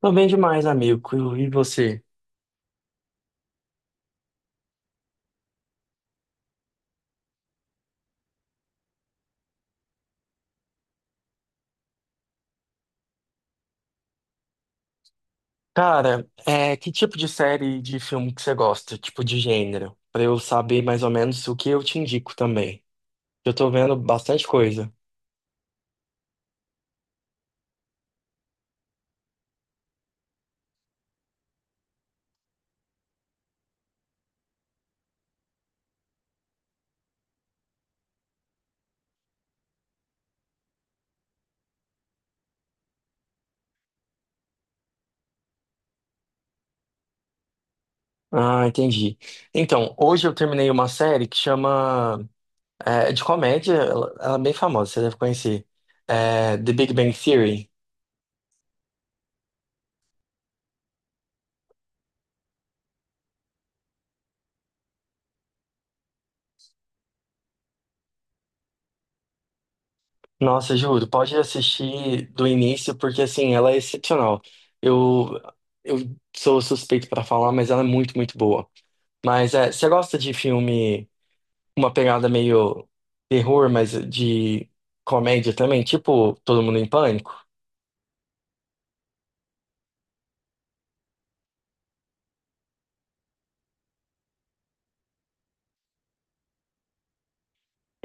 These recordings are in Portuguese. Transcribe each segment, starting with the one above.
Tô bem demais, amigo. E você? Cara, que tipo de série de filme que você gosta? Tipo de gênero? Pra eu saber mais ou menos o que eu te indico também. Eu tô vendo bastante coisa. Ah, entendi. Então, hoje eu terminei uma série que chama... é de comédia, ela é bem famosa, você deve conhecer. The Big Bang Theory. Nossa, juro, pode assistir do início, porque assim, ela é excepcional. Eu, eu sou suspeito pra falar, mas ela é muito, muito boa. Mas você gosta de filme com uma pegada meio terror, mas de comédia também, tipo Todo Mundo em Pânico?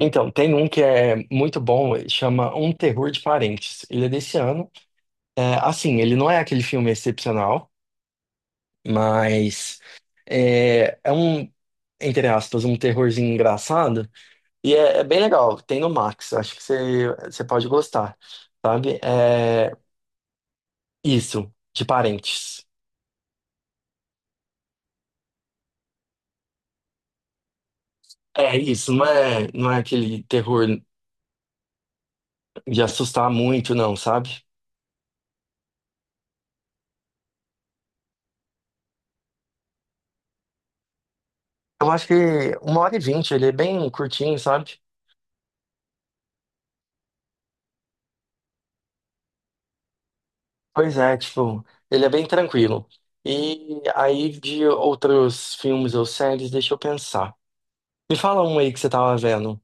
Então, tem um que é muito bom, chama Um Terror de Parentes. Ele é desse ano. É, assim, ele não é aquele filme excepcional, mas é um, entre aspas, um terrorzinho engraçado. E é bem legal. Tem no Max, acho que você pode gostar, sabe? É, isso, de parentes. É isso, não é aquele terror de assustar muito, não, sabe? Eu acho que 1h20, ele é bem curtinho, sabe? Pois é, tipo, ele é bem tranquilo. E aí, de outros filmes ou séries, deixa eu pensar. Me fala um aí que você tava vendo.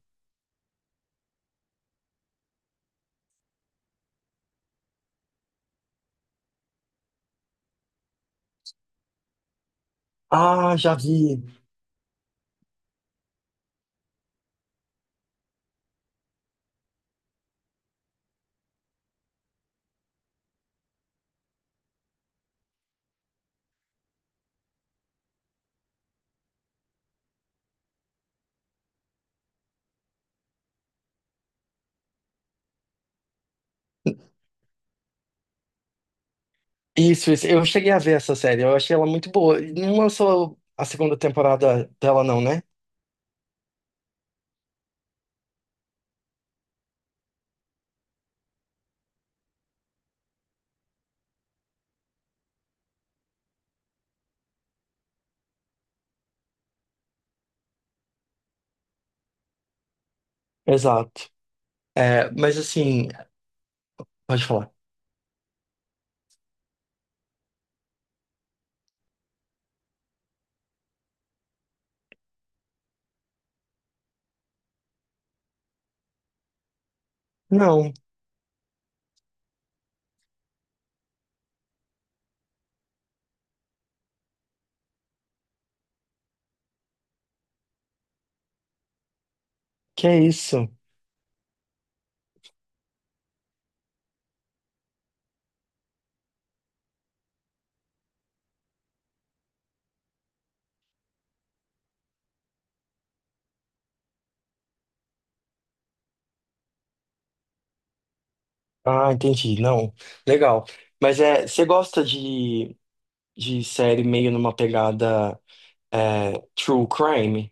Ah, já vi. Isso, isso. Eu cheguei a ver essa série, eu achei ela muito boa. E não lançou a segunda temporada dela, não, né? Exato. É, mas assim, pode falar. Não, que é isso? Ah, entendi. Não, legal. Mas você gosta de série meio numa pegada true crime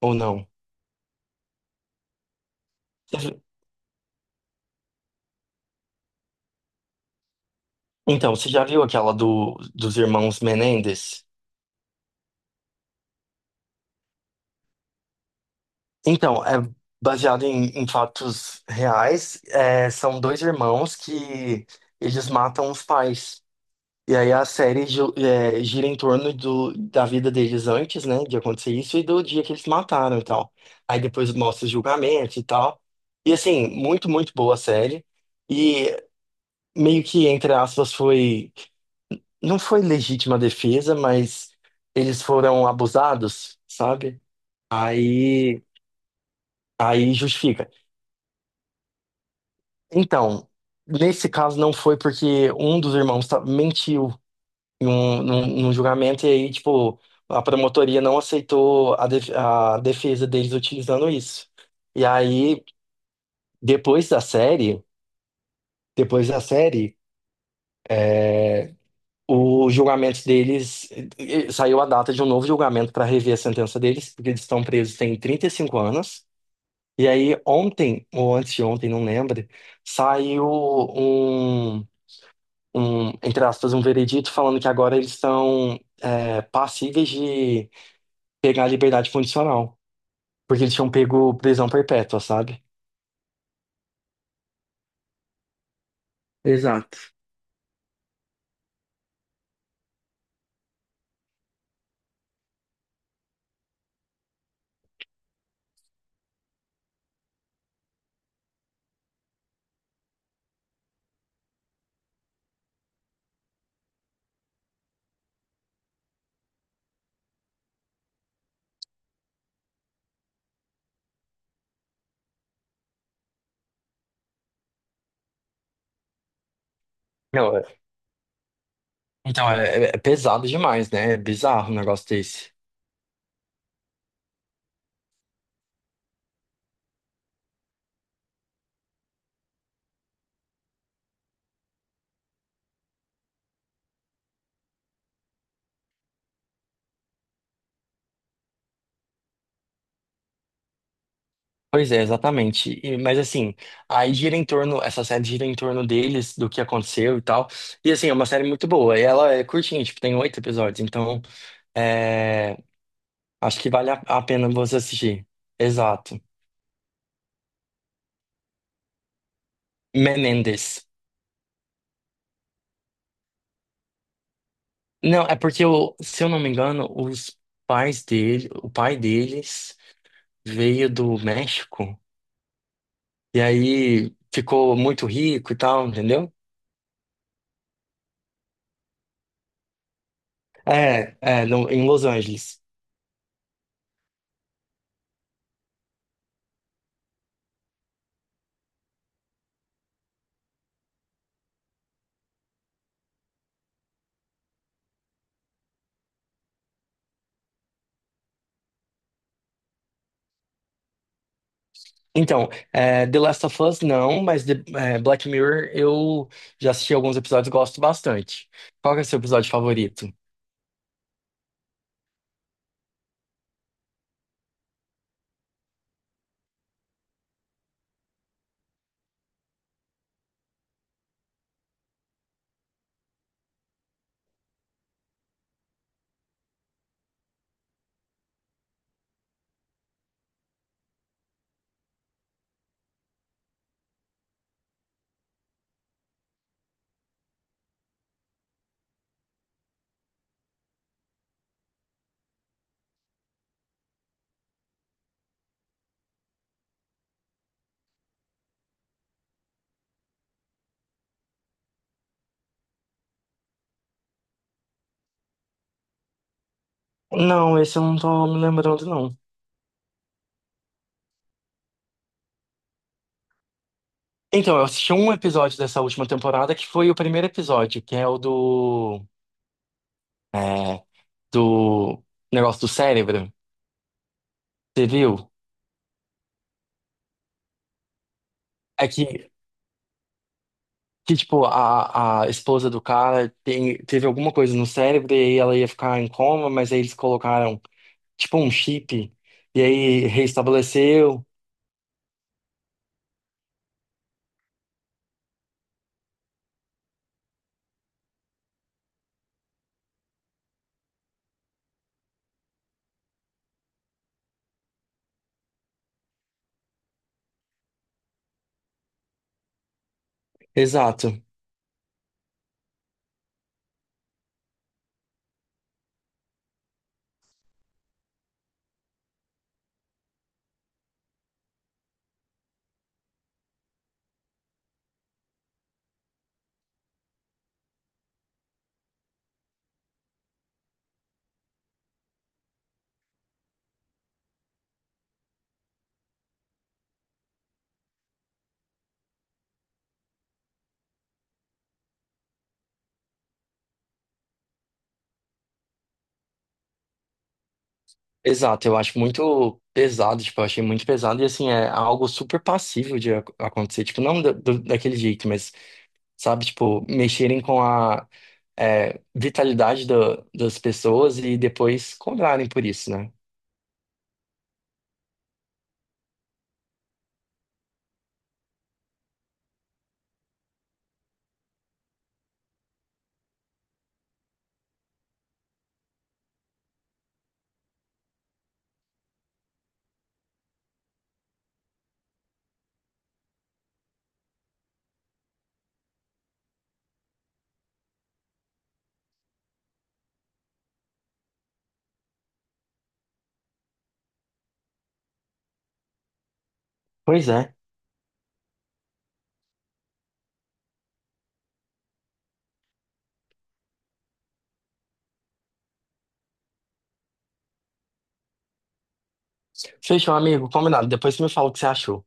ou não? Você- Então, você já viu aquela do, dos irmãos Menendez? Então, é baseado em, em fatos reais. É, são dois irmãos que eles matam os pais. E aí a série gira em torno do, da vida deles antes, né, de acontecer isso e do dia que eles mataram e tal. Aí depois mostra o julgamento e tal. E assim, muito, muito boa a série. E meio que, entre aspas, foi. Não foi legítima defesa, mas eles foram abusados, sabe? Aí, aí justifica. Então, nesse caso não foi porque um dos irmãos mentiu num julgamento e aí, tipo, a promotoria não aceitou a, a defesa deles utilizando isso. E aí, depois da série, depois da série, o julgamento deles saiu a data de um novo julgamento para rever a sentença deles, porque eles estão presos tem 35 anos. E aí, ontem, ou antes de ontem, não lembro, saiu um, um, entre aspas, um veredito falando que agora eles estão passíveis de pegar a liberdade condicional. Porque eles tinham pego prisão perpétua, sabe? Exato. Não, é- Então, é pesado demais, né? É bizarro um negócio desse. Pois é, exatamente. Mas assim, aí gira em torno, essa série gira em torno deles, do que aconteceu e tal. E assim, é uma série muito boa. E ela é curtinha, tipo, tem 8 episódios. Então, é, acho que vale a pena você assistir. Exato. Menendez. Não, é porque, se eu não me engano, o pai deles veio do México. E aí ficou muito rico e tal, entendeu? Em Los Angeles. Então, é, The Last of Us não, mas Black Mirror eu já assisti alguns episódios e gosto bastante. Qual que é o seu episódio favorito? Não, esse eu não tô me lembrando, não. Então, eu assisti um episódio dessa última temporada que foi o primeiro episódio, que é o é, do negócio do cérebro. Você viu? É que Que, tipo, a esposa do cara teve alguma coisa no cérebro e aí ela ia ficar em coma, mas aí eles colocaram, tipo, um chip e aí restabeleceu. Exato, exato. Eu acho muito pesado, tipo, eu achei muito pesado e, assim, é algo super passível de acontecer. Tipo, não da- do- daquele jeito, mas, sabe, tipo, mexerem com a vitalidade das pessoas e depois cobrarem por isso, né? Pois é. Fechou, amigo. Combinado. Depois você me fala o que você achou.